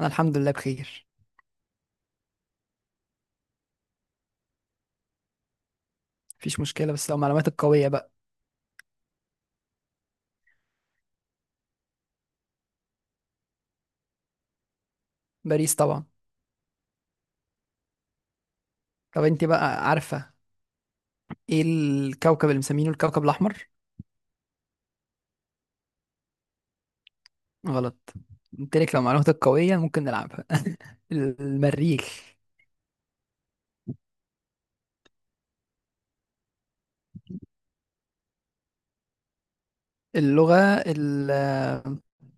انا الحمد لله بخير. مفيش مشكله، بس لو معلوماتك قويه بقى. باريس طبعا. طب انت بقى عارفه، ايه الكوكب اللي مسمينه الكوكب الاحمر؟ غلط. قلت لك لو معلوماتك قويه ممكن نلعبها. المريخ. اللغه، ال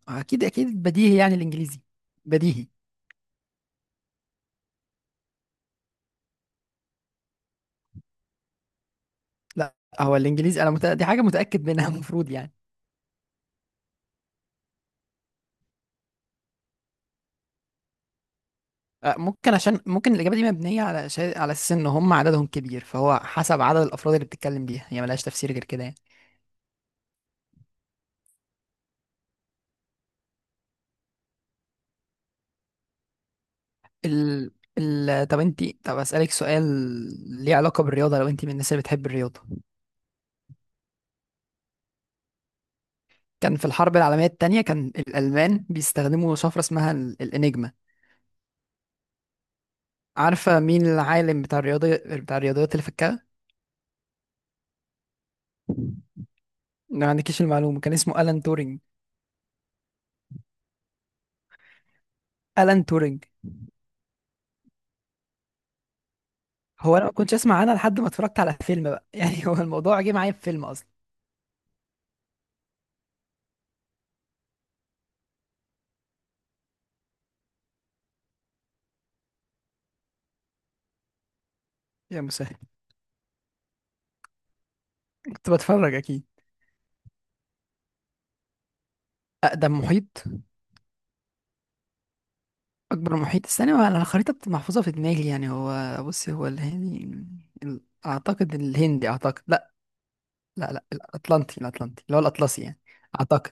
اكيد اكيد بديهي يعني الانجليزي، بديهي. لا، هو الانجليزي. دي حاجه متاكد منها. المفروض يعني. أه، ممكن، عشان ممكن الاجابه دي مبنيه على شيء، على اساس ان هم عددهم كبير، فهو حسب عدد الافراد اللي بتتكلم بيها، هي ملهاش تفسير غير كده يعني. ال... طب انت، اسالك سؤال ليه علاقه بالرياضه، لو انت من الناس اللي بتحب الرياضه. كان في الحرب العالميه الثانيه كان الالمان بيستخدموا شفره اسمها الانجما. عارفه مين العالم بتاع الرياضه، بتاع الرياضيات اللي فكها؟ ما عندكيش المعلومه. كان اسمه الان تورينج. الان تورينج. هو انا ما كنتش اسمع عنها لحد ما اتفرجت على فيلم بقى. يعني هو الموضوع جه معايا في فيلم اصلا. يا مسهل. كنت بتفرج اكيد. اقدم محيط؟ اكبر محيط. استنى، انا الخريطه محفوظه في دماغي يعني. هو بص، هو الهندي، ال- اعتقد الهندي، اعتقد. لا، لا الاطلنطي، الاطلنطي اللي هو الاطلسي يعني. اعتقد.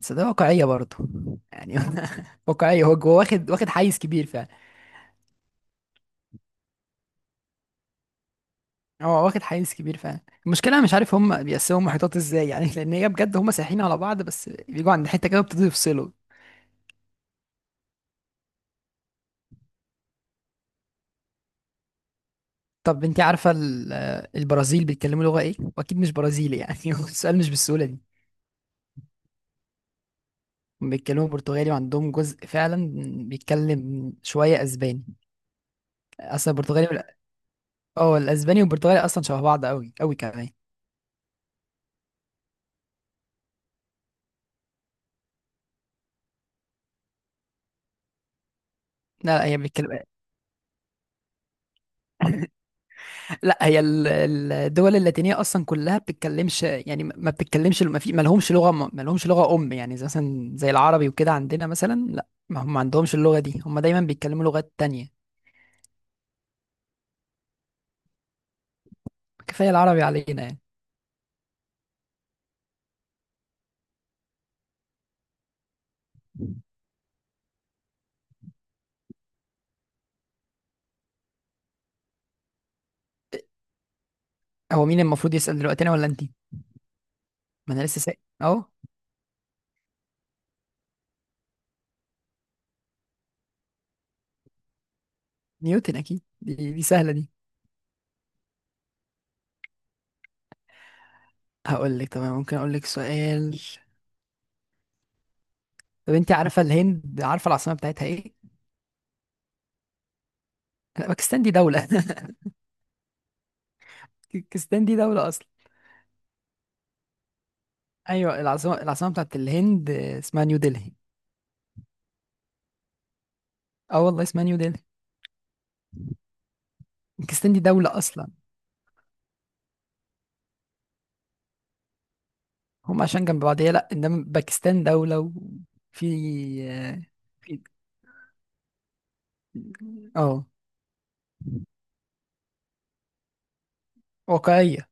بس ده واقعيه برضه يعني. واقعيه، هو واخد، واخد حيز كبير فعلا. هو واخد حيز كبير فعلا. المشكله انا مش عارف هم بيقسموا محيطات ازاي يعني. لان هي بجد هم سايحين على بعض، بس بيجوا عند حته كده بيبتدوا يفصلوا. طب انت عارفه البرازيل بيتكلموا لغه ايه؟ واكيد مش برازيلي يعني. السؤال مش بالسهوله دي. بيتكلموا برتغالي، وعندهم جزء فعلا بيتكلم شوية اسباني. اصلا البرتغالي اه، الاسباني والبرتغالي اصلا شبه بعض قوي قوي كمان. لا لا، هي بتتكلم. لا، هي الدول اللاتينيه اصلا كلها بتتكلمش يعني، ما بتتكلمش، ما لهمش لغه، ما لهمش لغه ام، يعني زي مثلا، زي العربي وكده عندنا مثلا. لا، ما هم ما عندهمش اللغه دي، هم دايما بيتكلموا لغات تانية. كفايه العربي علينا يعني. هو مين المفروض يسال دلوقتي، انا ولا انت؟ ما انا لسه سائل اهو. نيوتن اكيد، دي سهله دي. هقول لك تمام، ممكن اقول لك سؤال. طب انت عارفه الهند، عارفه العاصمه بتاعتها ايه؟ لا، باكستان دي دوله. باكستان دي دوله اصلا. ايوه، العاصمه، العاصمه بتاعت الهند اسمها نيو دلهي. اه والله اسمها نيو دلهي. باكستان دي دوله اصلا. هم عشان جنب بعض، هي لا، انما باكستان دوله. وفي، في، اه. واقعيه.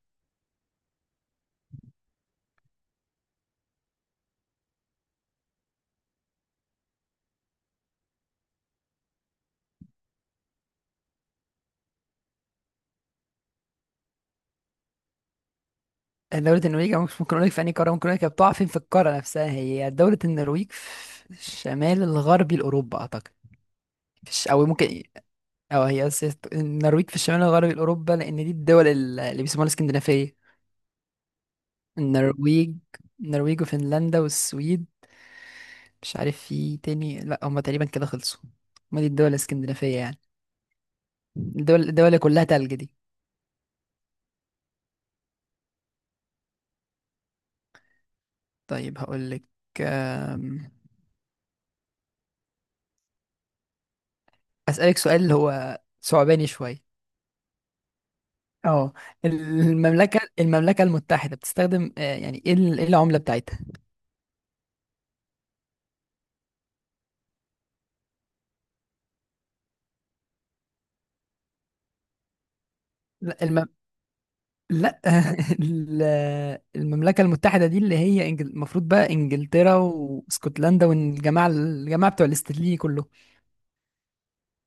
دوله النرويج، أو مش ممكن اقول لك في انهي قاره، ممكن اقول لك هي بتقع فين في القاره نفسها. هي دوله النرويج في الشمال الغربي لاوروبا اعتقد. او ممكن، أو هي أساس النرويج في الشمال الغربي الأوروبا، لأن دي الدول اللي بيسموها الاسكندنافية. النرويج، النرويج وفنلندا والسويد، مش عارف في تاني، لا هما تقريبا كده خلصوا. هما دي الدول الاسكندنافية يعني. الدول، الدول اللي كلها تلج دي. طيب هقول لك، أسألك سؤال هو صعباني شوية. اه. المملكة المتحدة بتستخدم، يعني ايه إيه العملة بتاعتها؟ لا، لا، ال- المملكة المتحدة دي اللي هي المفروض بقى انجلترا واسكتلندا، والجماعة، الجماعة بتوع الاسترليني كله.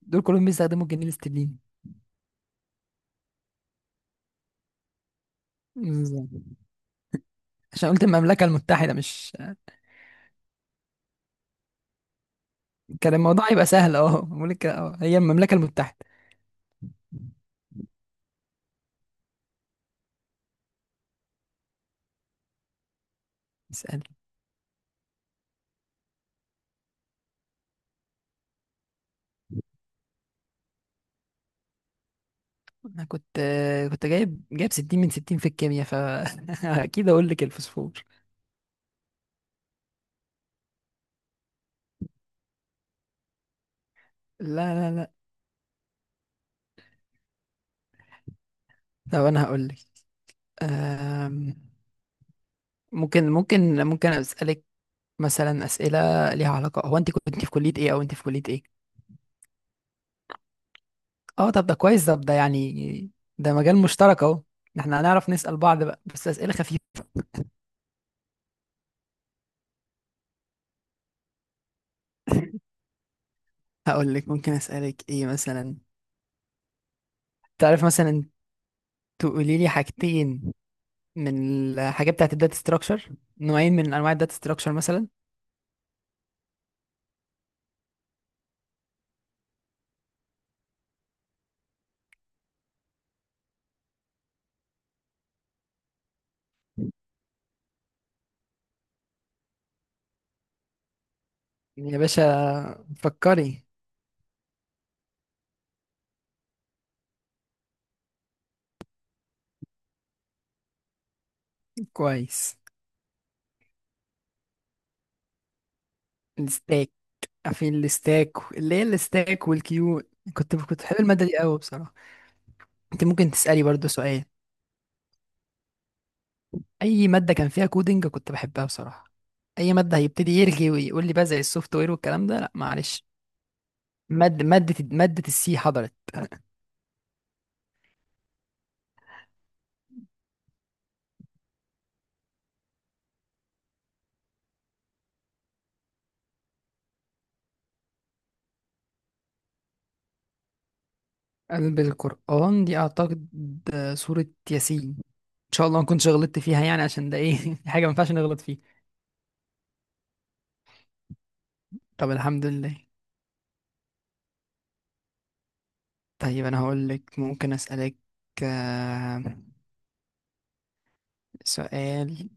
دول كلهم بيستخدموا الجنيه الاسترليني. بالظبط. عشان قلت المملكة المتحدة، مش كان الموضوع يبقى سهل. اه، بقول لك، اه، هي المملكة المتحدة. اسأل. انا كنت جايب 60 من 60 في الكيمياء، فاكيد اقول لك الفوسفور. لا. طب انا هقول لك. أم، ممكن ممكن اسالك مثلا اسئله ليها علاقه. هو انت كنت في كليه ايه، او انت في كليه ايه؟ اه طب ده كويس، طب ده يعني ده مجال مشترك اهو، احنا هنعرف نسال بعض بقى، بس اسئله خفيفه. هقول لك ممكن اسالك ايه مثلا. تعرف مثلا، تقولي لي حاجتين من الحاجات بتاعت الداتا ستراكشر، نوعين من انواع الداتا ستراكشر مثلا. يا باشا فكري. كويس. الستاك. عارفين الستاك، اللي هي الستاك والكيو. كنت بحب الماده دي قوي بصراحه. انت ممكن تسالي برضو سؤال. اي ماده كان فيها كودينج كنت بحبها بصراحه. اي ماده هيبتدي يرغي ويقول لي بقى زي السوفت وير والكلام ده، لا معلش. ماده السي حضرت. قلب القرآن دي اعتقد سورة ياسين. ان شاء الله ما كنتش غلطت فيها يعني، عشان ده ايه حاجة ما ينفعش نغلط فيها. طب الحمد لله. طيب انا هقول لك، ممكن اسألك، آه، سؤال.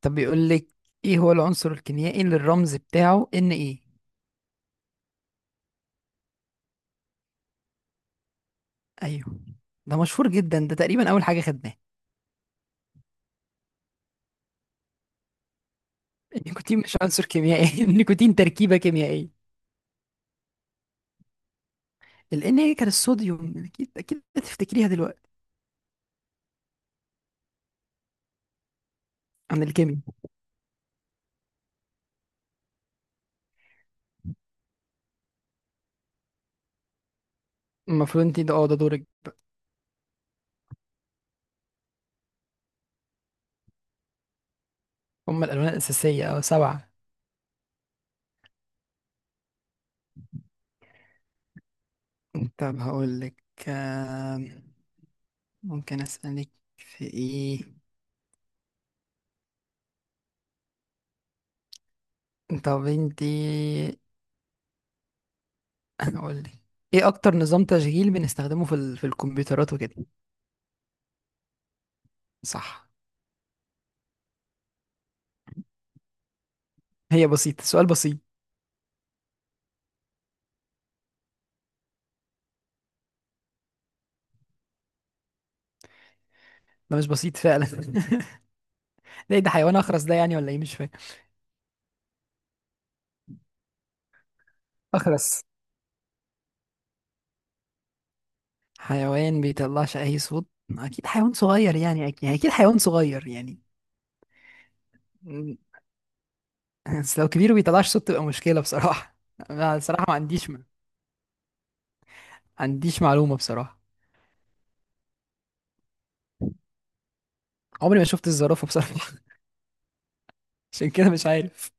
طب بيقول لك، ايه هو العنصر الكيميائي اللي الرمز بتاعه ان ايه؟ ايوه. ده مشهور جدا، ده تقريبا اول حاجة خدناها. النيكوتين مش عنصر كيميائي، النيكوتين تركيبة كيميائية. لأن هي كان الصوديوم، أكيد أكيد هتفتكريها دلوقتي. عن الكيمياء. المفروض أنت، ده أه ده دورك. هما الألوان الأساسية، أه، سبعة. طب هقول لك، ممكن أسألك في إيه. طب أنت. هقول لك، إيه أكتر نظام تشغيل بنستخدمه في في الكمبيوترات وكده؟ صح. هي بسيطة، سؤال بسيط. ده مش بسيط فعلا. ده إيه ده؟ حيوان أخرس ده يعني ولا إيه؟ مش فاهم. أخرس، حيوان بيطلعش اي صوت. اكيد حيوان صغير يعني، اكيد يعني، اكيد حيوان صغير يعني. م- بس لو كبير بيطلعش صوت تبقى مشكلة بصراحة. أنا بصراحة ما عنديش معلومة بصراحة. عمري ما شفت الزرافة بصراحة، عشان كده مش عارف.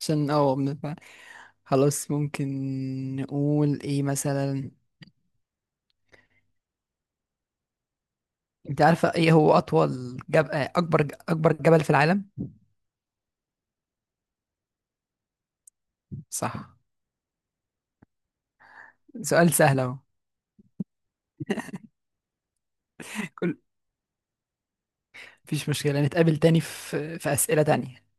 عشان اه خلاص. ممكن نقول ايه مثلا، انت عارفة ايه هو آه، اكبر، اكبر جبل في العالم؟ صح. سؤال سهل اهو. كل، مفيش مشكلة، نتقابل تاني في، في أسئلة تانية.